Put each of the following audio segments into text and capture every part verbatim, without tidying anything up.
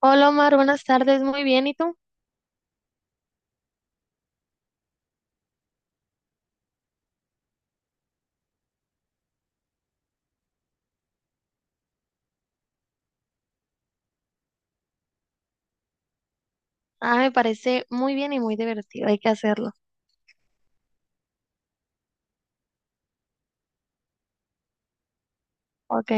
Hola Omar, buenas tardes, muy bien, ¿y tú? Ah, me parece muy bien y muy divertido, hay que hacerlo. Ok.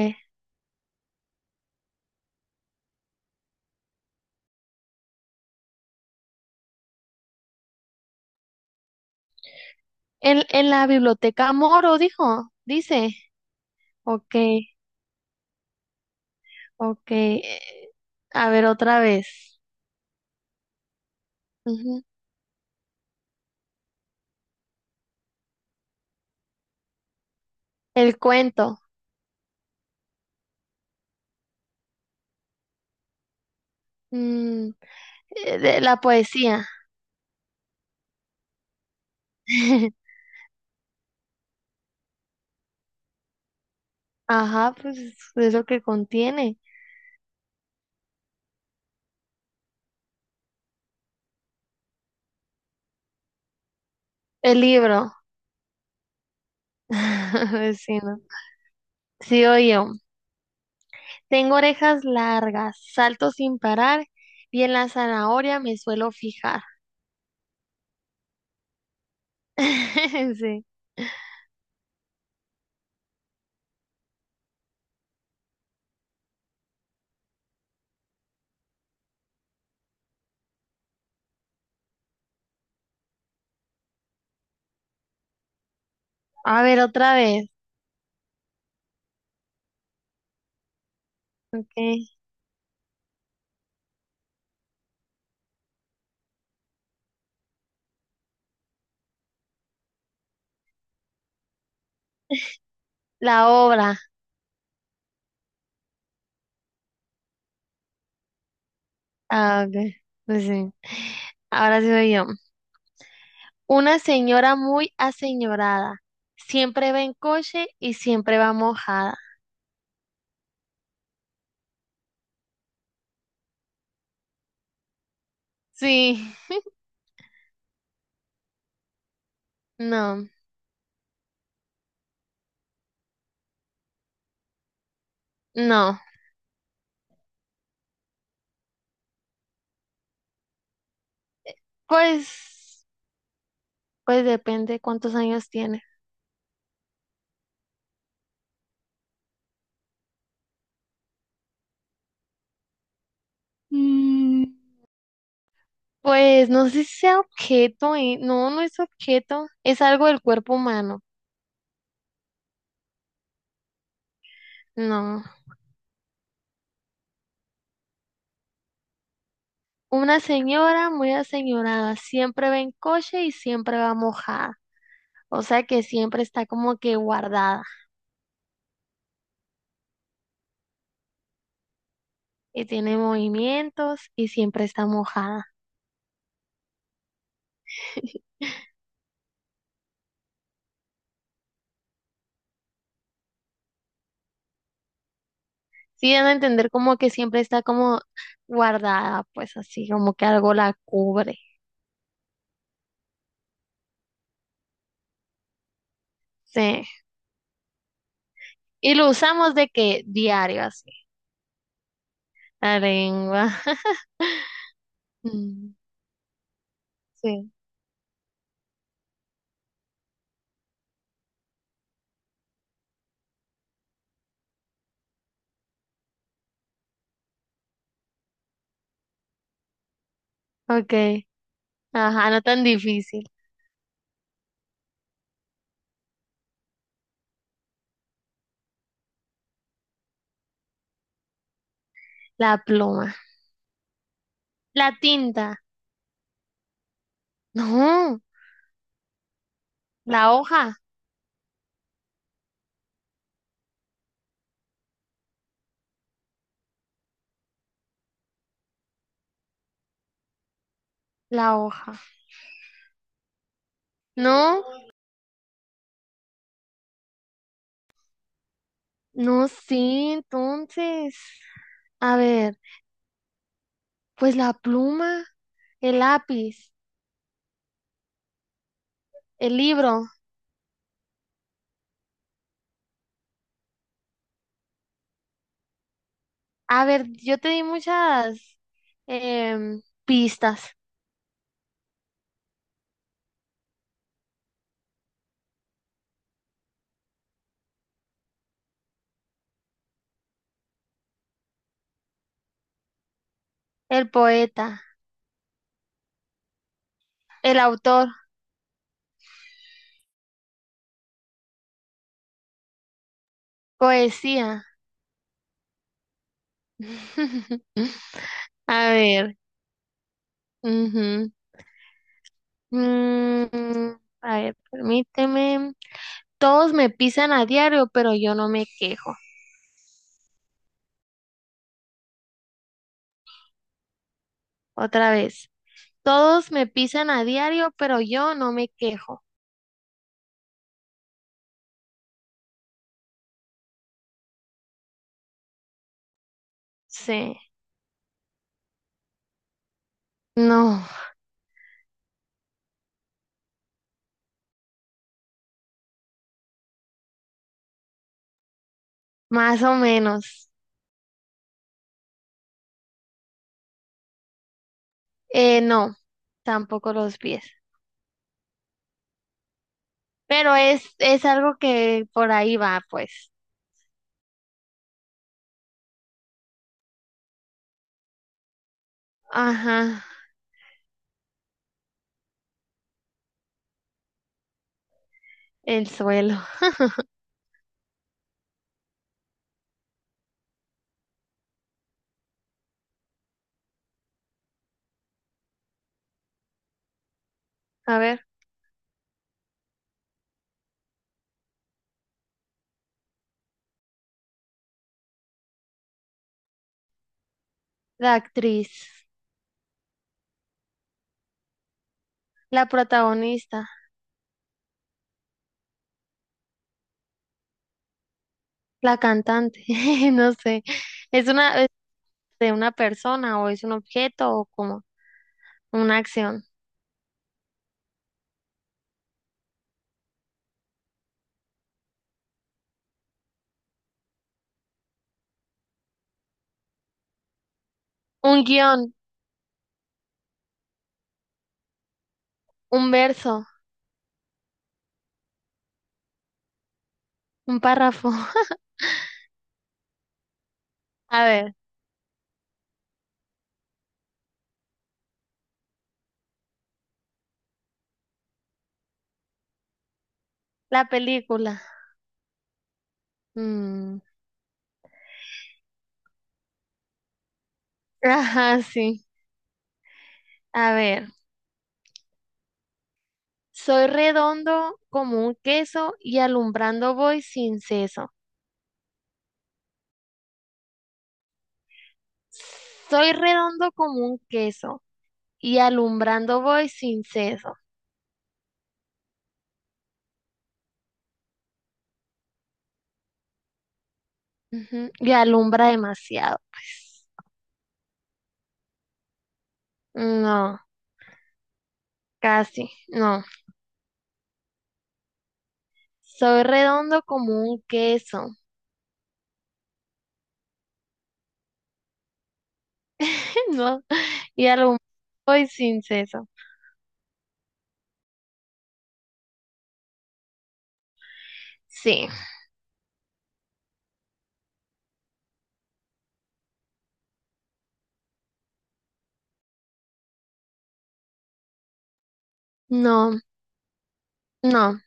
En, en la biblioteca Moro, dijo, dice. Ok, ok. eh, A ver, otra vez. Ujú. El cuento. mm, eh, de la poesía. Ajá, pues es lo que contiene. El libro. Sí, ¿no? Sigo yo. Tengo orejas largas, salto sin parar y en la zanahoria me suelo fijar. Sí. A ver, otra vez. Okay. La obra. Ah, ok. Pues sí. Ahora sí voy yo. Una señora muy aseñorada. Siempre va en coche y siempre va mojada. Sí. No, no. Pues, pues depende cuántos años tiene. Mm, Pues no sé si sea objeto, eh, no, no es objeto, es algo del cuerpo humano. No. Una señora muy aseñorada, siempre va en coche y siempre va mojada. O sea que siempre está como que guardada y tiene movimientos y siempre está mojada. Sí, dan a entender como que siempre está como guardada, pues así, como que algo la cubre. Sí. Y lo usamos de que diario así. La lengua. Mm. Sí. Okay. Ajá, no tan difícil. La pluma. La tinta. No, la hoja. La hoja. No, no, sí, entonces. A ver, pues la pluma. El lápiz, el libro. A ver, yo te di muchas em, pistas. El poeta, el autor, poesía. A ver. Ujú. Mm, a ver, permíteme. Todos me pisan a diario, pero yo no me quejo. Otra vez. Todos me pisan a diario, pero yo no me quejo. Sí. No, más o menos. Eh, no, tampoco los pies. Pero es, es algo que por ahí va, pues. Ajá, el suelo. A ver, la actriz, la protagonista, la cantante, no sé. ¿Es una, es de una persona o es un objeto o como una acción? Un guión, un verso, un párrafo. A ver, la película. Mm. Ajá, sí. A ver, soy redondo como un queso y alumbrando voy sin seso. Soy redondo como un queso y alumbrando voy sin ceso. Ujú, y alumbra demasiado, pues. No, casi, no. Soy redondo como un queso. No, y alumbra voy sin ceso. Sí, no, no.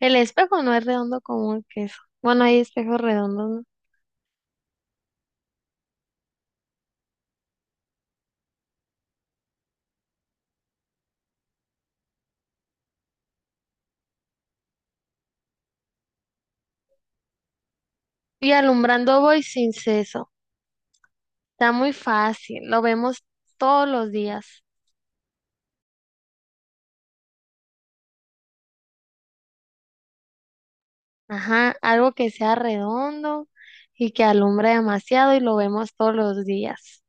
El espejo no es redondo como un queso. Bueno, hay espejos redondos, ¿no? Y alumbrando voy sin ceso. Está muy fácil, lo vemos todos los días. Ajá, algo que sea redondo y que alumbre demasiado y lo vemos todos los días.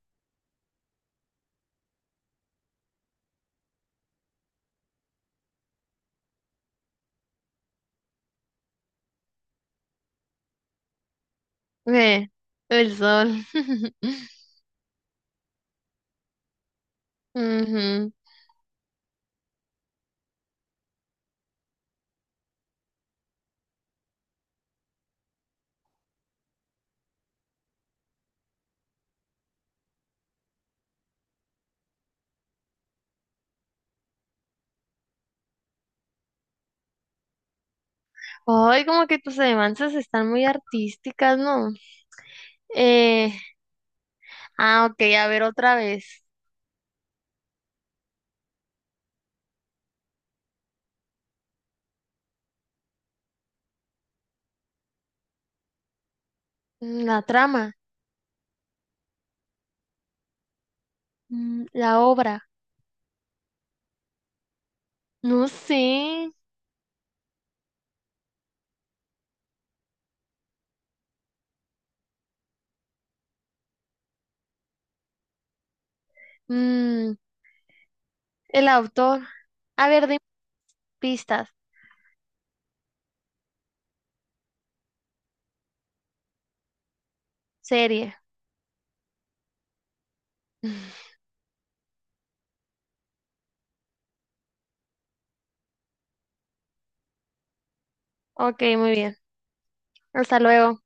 Ve, el sol. Ujú. Ay, como que tus adivinanzas están muy artísticas, ¿no? Eh, ah, ok, a ver otra vez. Mm, La trama, mm, la obra, no sé, mm, el autor. A ver, dime pistas, serie. Ok, muy bien. Hasta luego.